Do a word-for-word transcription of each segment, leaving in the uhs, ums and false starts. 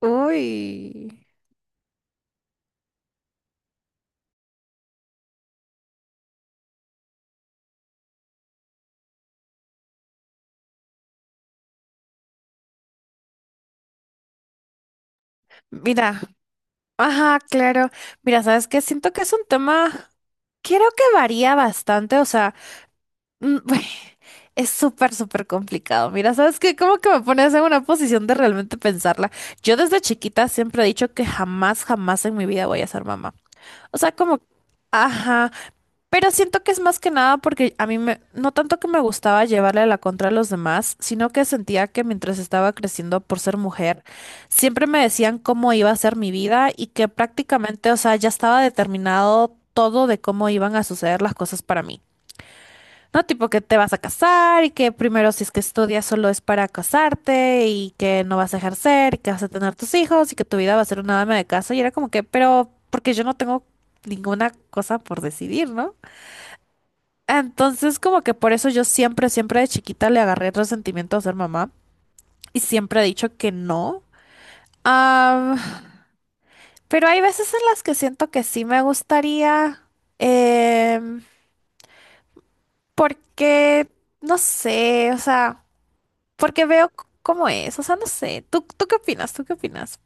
Uy, mira, ajá, claro. Mira, ¿sabes qué? Siento que es un tema, creo que varía bastante, o sea, mm, es súper, súper complicado. Mira, ¿sabes qué? Como que me pones en una posición de realmente pensarla. Yo desde chiquita siempre he dicho que jamás, jamás en mi vida voy a ser mamá. O sea, como, ajá, pero siento que es más que nada porque a mí me, no tanto que me gustaba llevarle la contra a los demás, sino que sentía que mientras estaba creciendo por ser mujer, siempre me decían cómo iba a ser mi vida y que prácticamente, o sea, ya estaba determinado todo de cómo iban a suceder las cosas para mí. No, tipo que te vas a casar y que primero si es que estudias solo es para casarte y que no vas a ejercer y que vas a tener tus hijos y que tu vida va a ser una dama de casa. Y era como que, pero porque yo no tengo ninguna cosa por decidir, ¿no? Entonces, como que por eso yo siempre, siempre de chiquita le agarré resentimiento a ser mamá y siempre he dicho que no. Am, pero hay veces en las que siento que sí me gustaría, em, porque, no sé, o sea, porque veo c- cómo es, o sea, no sé, ¿tú, tú qué opinas? ¿Tú qué opinas?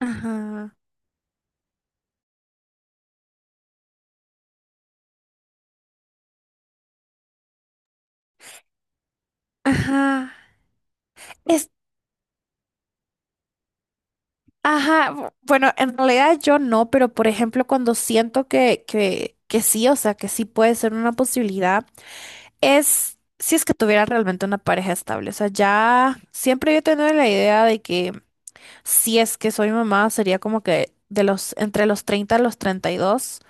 Ajá, ajá. Es, ajá, bu- bueno, en realidad yo no, pero por ejemplo, cuando siento que, que, que sí, o sea, que sí puede ser una posibilidad. Es si es que tuviera realmente una pareja estable. O sea, ya siempre yo he tenido la idea de que si es que soy mamá, sería como que de los, entre los treinta a los treinta y dos.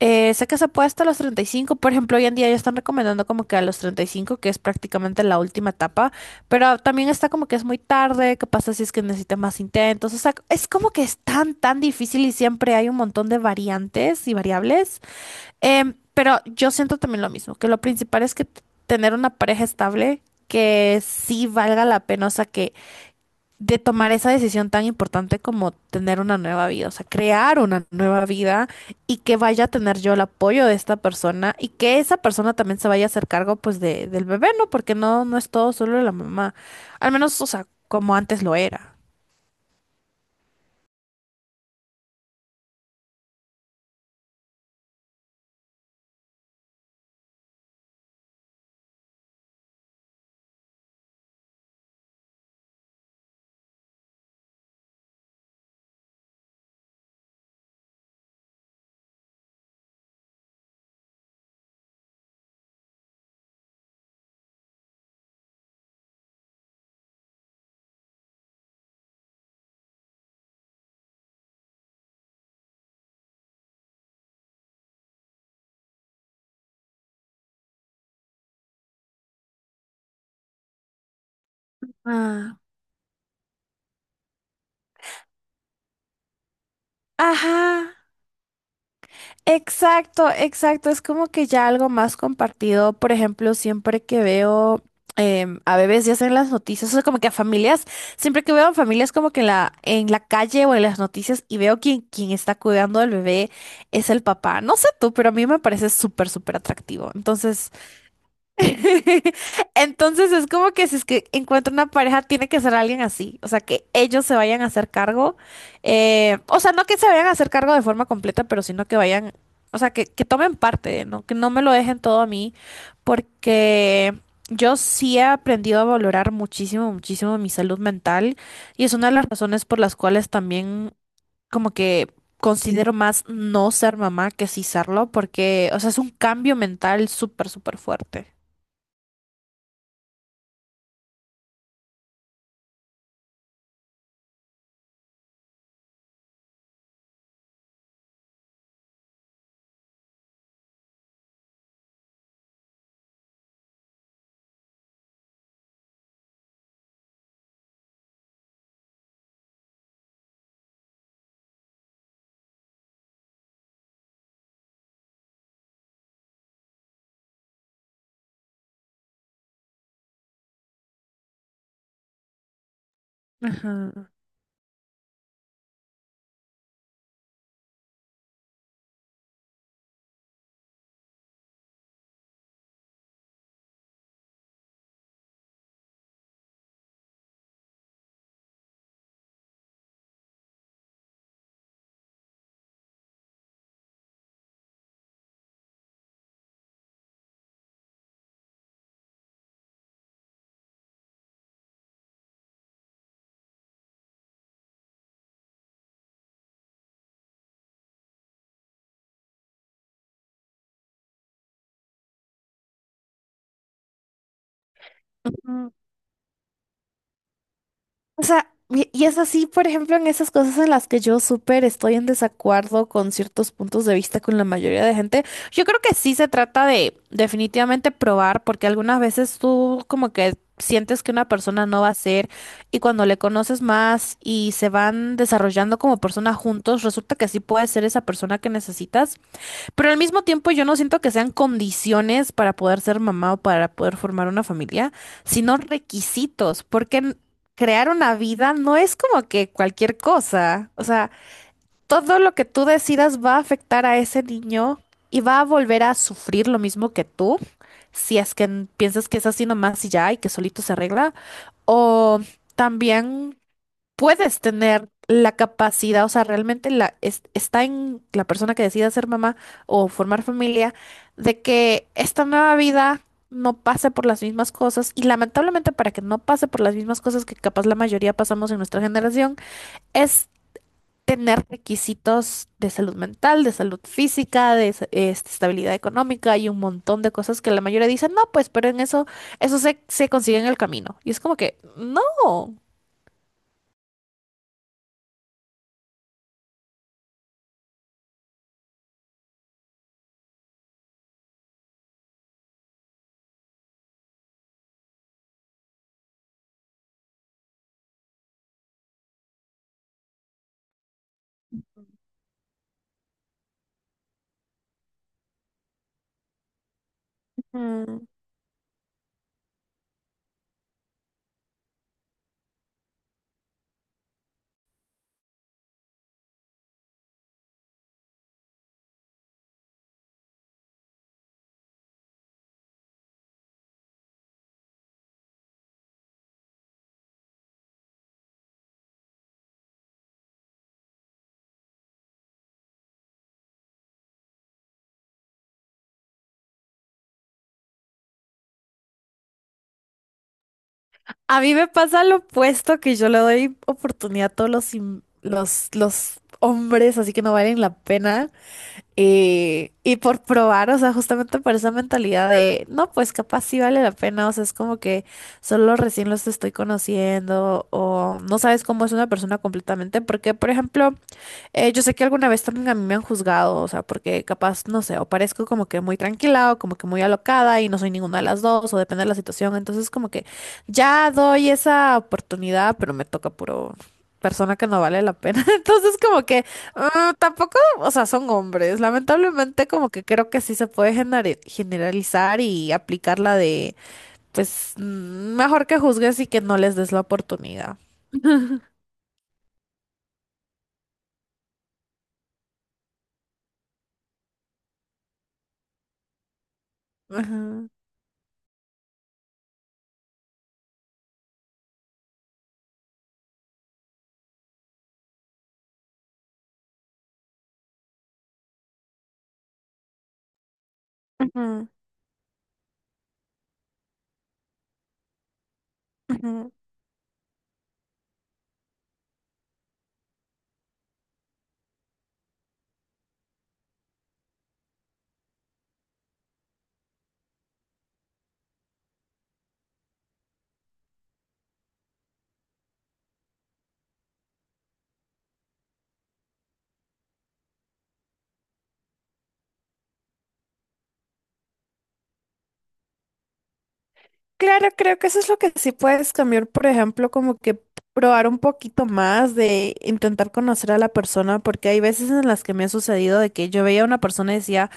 Eh, sé que se puede hasta los treinta y cinco por ejemplo, hoy en día ya están recomendando como que a los treinta y cinco que es prácticamente la última etapa, pero también está como que es muy tarde, qué pasa si es que necesitas más intentos, o sea, es como que es tan, tan difícil y siempre hay un montón de variantes y variables. Em, pero yo siento también lo mismo, que lo principal es que t- tener una pareja estable que sí valga la pena, o sea, que de tomar esa decisión tan importante como tener una nueva vida, o sea, crear una nueva vida y que vaya a tener yo el apoyo de esta persona y que esa persona también se vaya a hacer cargo pues de, del bebé, ¿no? Porque no, no es todo solo la mamá, al menos, o sea, como antes lo era. Ah, Ajá, exacto, exacto. Es como que ya algo más compartido. Por ejemplo, siempre que veo em, a bebés ya sea en las noticias, o sea, como que a familias, siempre que veo a familias como que en la, en la calle o en las noticias y veo quien, quien está cuidando al bebé es el papá. No sé tú, pero a mí me parece súper, súper atractivo. Entonces, entonces es como que si es que encuentra una pareja, tiene que ser alguien así, o sea, que ellos se vayan a hacer cargo, eh, o sea, no que se vayan a hacer cargo de forma completa, pero sino que vayan, o sea, que, que tomen parte, ¿no? Que no me lo dejen todo a mí, porque yo sí he aprendido a valorar muchísimo, muchísimo mi salud mental y es una de las razones por las cuales también como que... Considero más no ser mamá que sí serlo, porque, o sea, es un cambio mental súper, súper fuerte. Ajá. Ujú. O sea, y y es así, por ejemplo, en esas cosas en las que yo súper estoy en desacuerdo con ciertos puntos de vista con la mayoría de gente. Yo creo que sí se trata de definitivamente probar, porque algunas veces tú como que sientes que una persona no va a ser y cuando le conoces más y se van desarrollando como persona juntos, resulta que sí puede ser esa persona que necesitas. Pero al mismo tiempo yo no siento que sean condiciones para poder ser mamá o para poder formar una familia, sino requisitos, porque n- crear una vida no es como que cualquier cosa. O sea, todo lo que tú decidas va a afectar a ese niño y va a volver a sufrir lo mismo que tú, si es que n- piensas que es así nomás y ya y que solito se arregla, o también puedes tener la capacidad, o sea, realmente la, es- está en la persona que decida ser mamá o formar familia, de que esta nueva vida no pase por las mismas cosas y lamentablemente para que no pase por las mismas cosas que capaz la mayoría pasamos en nuestra generación, es tener requisitos de salud mental, de salud física, de sa- este, estabilidad económica y un montón de cosas que la mayoría dicen, no, pues, pero en eso, eso se, se consigue en el camino. Y es como que, no. A mí me pasa lo opuesto, que yo le doy oportunidad a todos los, im- los, los hombres, así que no valen la pena. eh, y por probar, o sea, justamente por esa mentalidad de, no, pues capaz sí vale la pena, o sea, es como que solo recién los estoy conociendo o no sabes cómo es una persona completamente, porque, por ejemplo, eh, yo sé que alguna vez también a mí me han juzgado, o sea, porque capaz, no sé, o parezco como que muy tranquila o como que muy alocada y no soy ninguna de las dos, o depende de la situación. Entonces, como que ya doy esa oportunidad, pero me toca puro persona que no vale la pena. Entonces, como que ah, tampoco, o sea, son hombres. Lamentablemente, como que creo que sí se puede genera- generalizar y aplicar la de, pues, mm, mejor que juzgues y que no les des la oportunidad. Ajá, ajá, ajá. Claro, creo que eso es lo que sí puedes cambiar, por ejemplo, como que probar un poquito más de intentar conocer a la persona, porque hay veces en las que me ha sucedido de que yo veía a una persona y decía,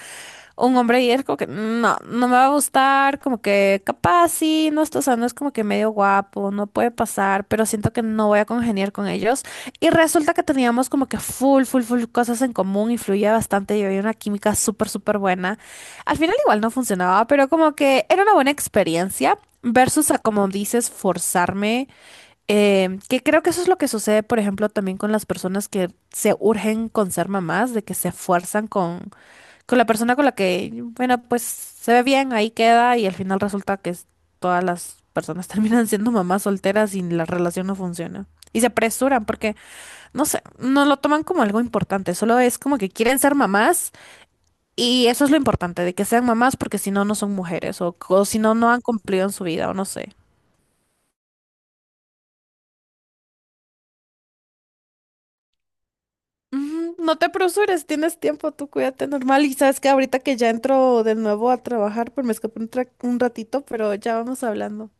un hombre y es como que no, no me va a gustar, como que capaz sí, no está, o sea, no es como que medio guapo, no puede pasar, pero siento que no voy a congeniar con ellos. Y resulta que teníamos como que full, full, full cosas en común, influía bastante y había una química súper, súper buena. Al final igual no funcionaba, pero como que era una buena experiencia. Versus a, como dices, forzarme, eh, que creo que eso es lo que sucede, por ejemplo, también con las personas que se urgen con ser mamás, de que se fuerzan con, con la persona con la que, bueno, pues se ve bien, ahí queda y al final resulta que es- todas las personas terminan siendo mamás solteras y la relación no funciona. Y se apresuran porque, no sé, no lo toman como algo importante, solo es como que quieren ser mamás y eso es lo importante, de que sean mamás porque si no, no son mujeres o, o, si no, no han cumplido en su vida o no sé. Ujú, no te apresures, tienes tiempo, tú cuídate normal. Y sabes que ahorita que ya entro de nuevo a trabajar, pues me escapé un, tra- un ratito, pero ya vamos hablando.